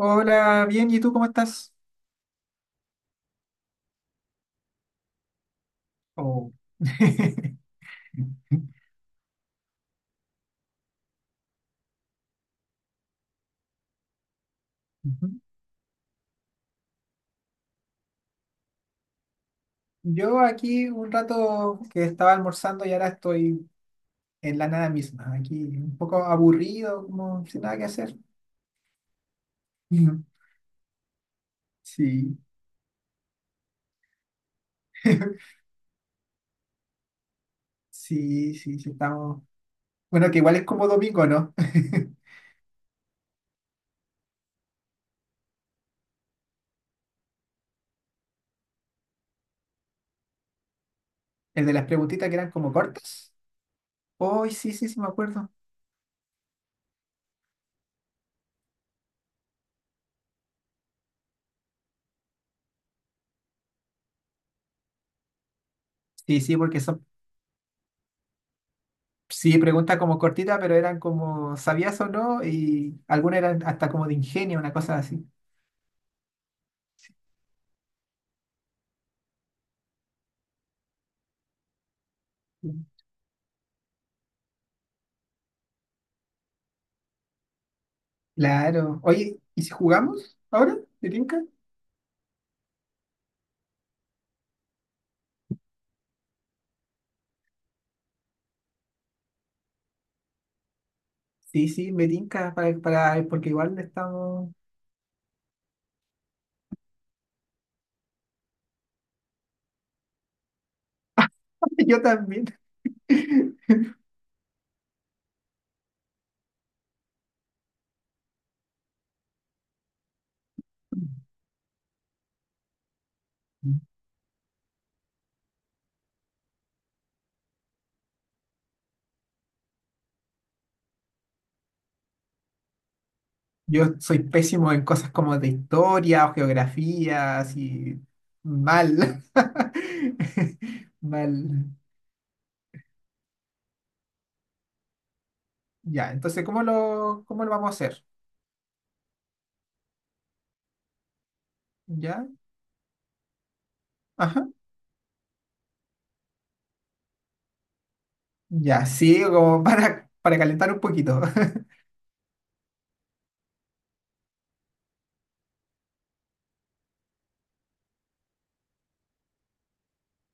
Hola, bien, ¿y tú cómo estás? Oh. Ujú. Yo aquí un rato que estaba almorzando y ahora estoy en la nada misma, aquí un poco aburrido, como sin nada que hacer. Ujú. Sí, sí, sí, sí, estamos. Bueno, que igual es como domingo, ¿no? El de las preguntitas que eran como cortas. Hoy sí, sí, sí, me acuerdo. Sí, sí, porque son, sí, preguntas como cortitas, pero eran como ¿sabías o no? Y algunas eran hasta como de ingenio, una cosa así. Claro. Oye, ¿y si jugamos ahora? ¿Me tinca? Sí, sí, me tinca para, porque igual estamos. Yo también. Yo soy pésimo en cosas como de historia o geografía, así mal. Mal. Ya, entonces, ¿cómo lo vamos a hacer? ¿Ya? Ajá. Ya, sí, como para calentar un poquito.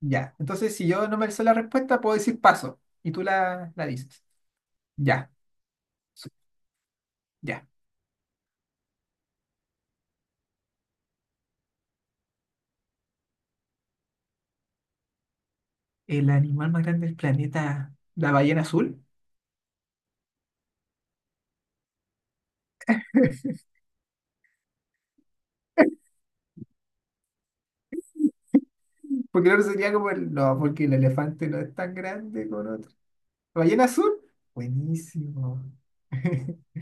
Ya, entonces si yo no me sé la respuesta, puedo decir paso y tú la dices. Ya, ya. El animal más grande del planeta, la ballena azul. Porque el otro sería como el... No, porque el elefante no es tan grande como el otro. ¿La ballena azul? Buenísimo.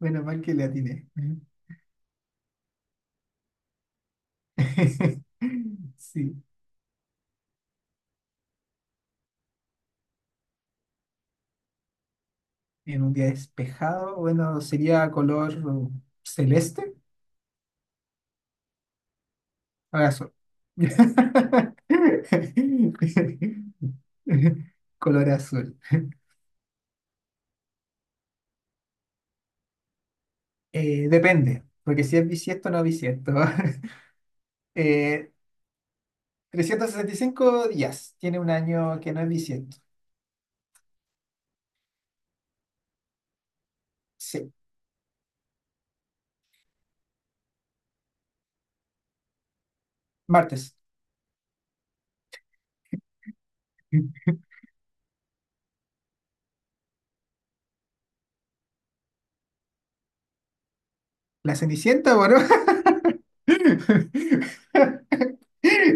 Menos mal que le atiné. Sí, en un día despejado, bueno, sería color celeste. Ahora sol. Color azul. Depende, porque si es bisiesto o no bisiesto. Eh, 365 días. Tiene un año que no es bisiesto. Sí, martes. La Cenicienta, bueno.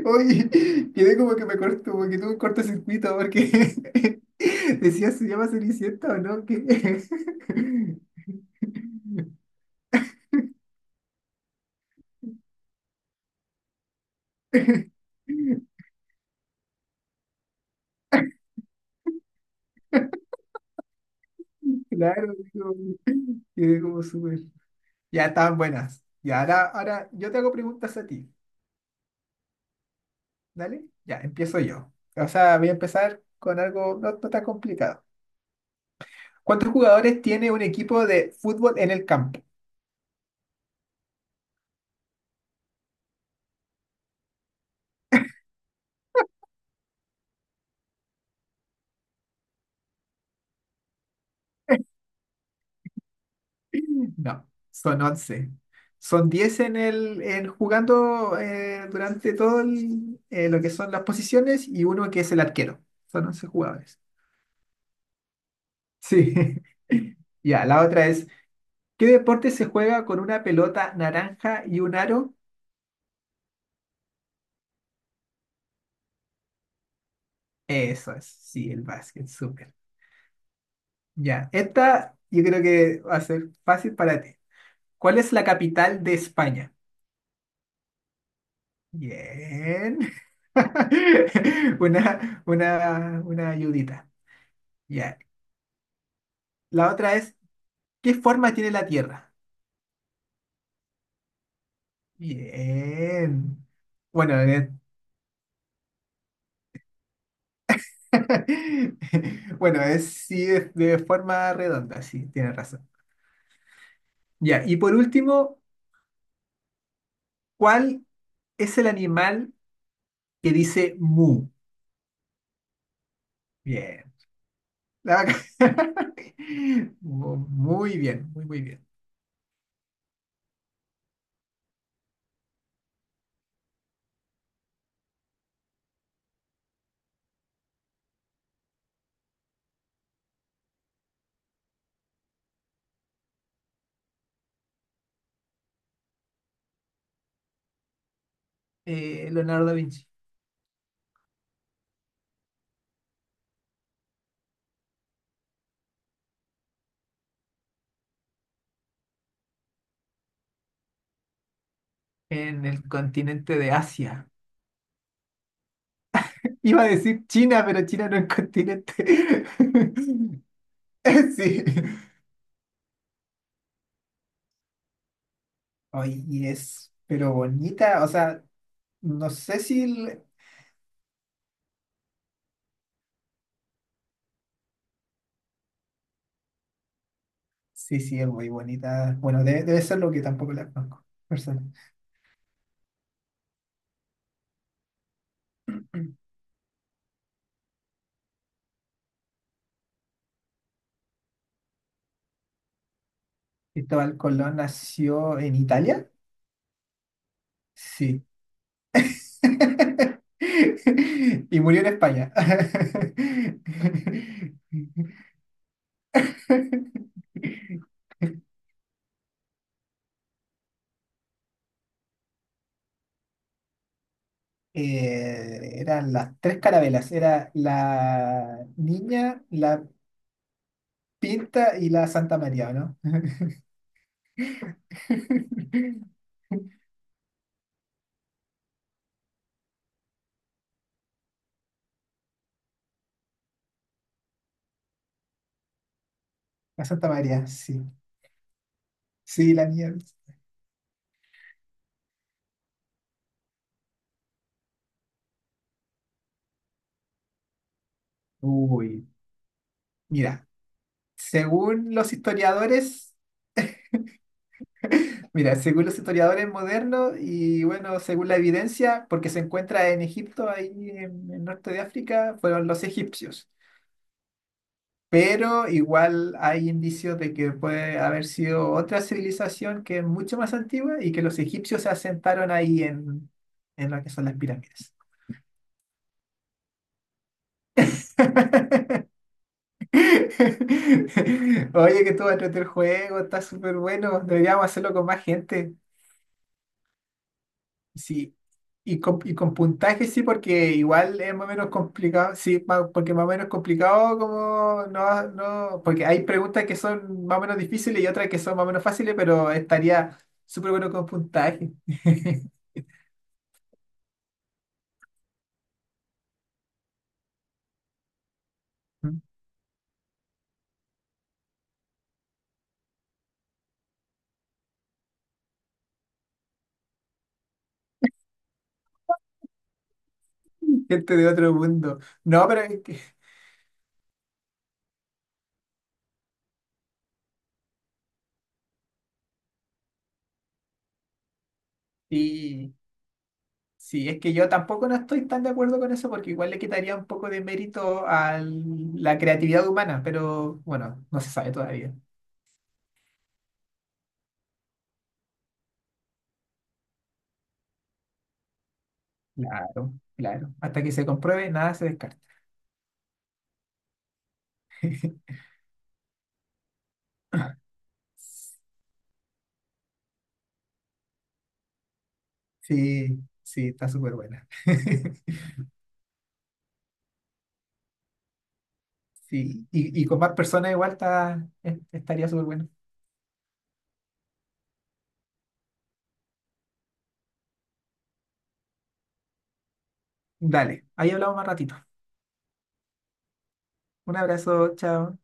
Oye, quedé como que me corto, como que tuve un cortocircuito porque decía se llama Cenicienta o no. ¿Qué? Claro, digo, quedé como súper. Ya estaban buenas. Y ahora, ahora yo te hago preguntas a ti. Dale, ya, empiezo yo. O sea, voy a empezar con algo no tan complicado. ¿Cuántos jugadores tiene un equipo de fútbol en el campo? No, son 11. Son 10 en jugando durante lo que son las posiciones y uno que es el arquero. Son 11 jugadores. Sí. Ya, la otra es, ¿qué deporte se juega con una pelota naranja y un aro? Eso es, sí, el básquet, súper. Ya, esta yo creo que va a ser fácil para ti. ¿Cuál es la capital de España? Bien. Una ayudita. Ya. La otra es, ¿qué forma tiene la Tierra? Bien. Bueno, bueno, es sí es de forma redonda, sí, tienes razón. Ya, y por último, ¿cuál es el animal que dice mu? Bien. La vaca. Muy bien, muy bien. Leonardo da Vinci, en el continente de Asia. Iba a decir China, pero China no es continente. Sí. Ay, y es, pero bonita, o sea, no sé si... el- Sí, sí, es muy bonita. Bueno, debe ser lo que tampoco la conozco. Persona. Cristóbal Colón nació en Italia. Sí. Y murió en España. Eran las tres carabelas. Era la niña, la pinta y la Santa María, ¿o no? La Santa María, sí. Sí, la niña. Uy, mira, según los historiadores, mira, según los historiadores modernos y bueno, según la evidencia, porque se encuentra en Egipto, ahí en el norte de África, fueron los egipcios. Pero igual hay indicios de que puede haber sido otra civilización que es mucho más antigua y que los egipcios se asentaron en lo que son las pirámides. Oye, que tú vas a el juego, está súper bueno, deberíamos hacerlo con más gente. Sí, y con puntaje sí, porque igual es más o menos complicado, sí, porque más o menos complicado como no, porque hay preguntas que son más o menos difíciles y otras que son más o menos fáciles, pero estaría súper bueno con puntaje. Gente de otro mundo. No, pero es que, sí, sí, es que yo tampoco no estoy tan de acuerdo con eso porque igual le quitaría un poco de mérito a la creatividad humana, pero bueno, no se sabe todavía. Claro, claro. Hasta que se compruebe, nada se descarta. Sí, sí, está súper buena. Sí, y con más personas igual estaría súper bueno. Dale, ahí hablamos más ratito. Un abrazo, chao.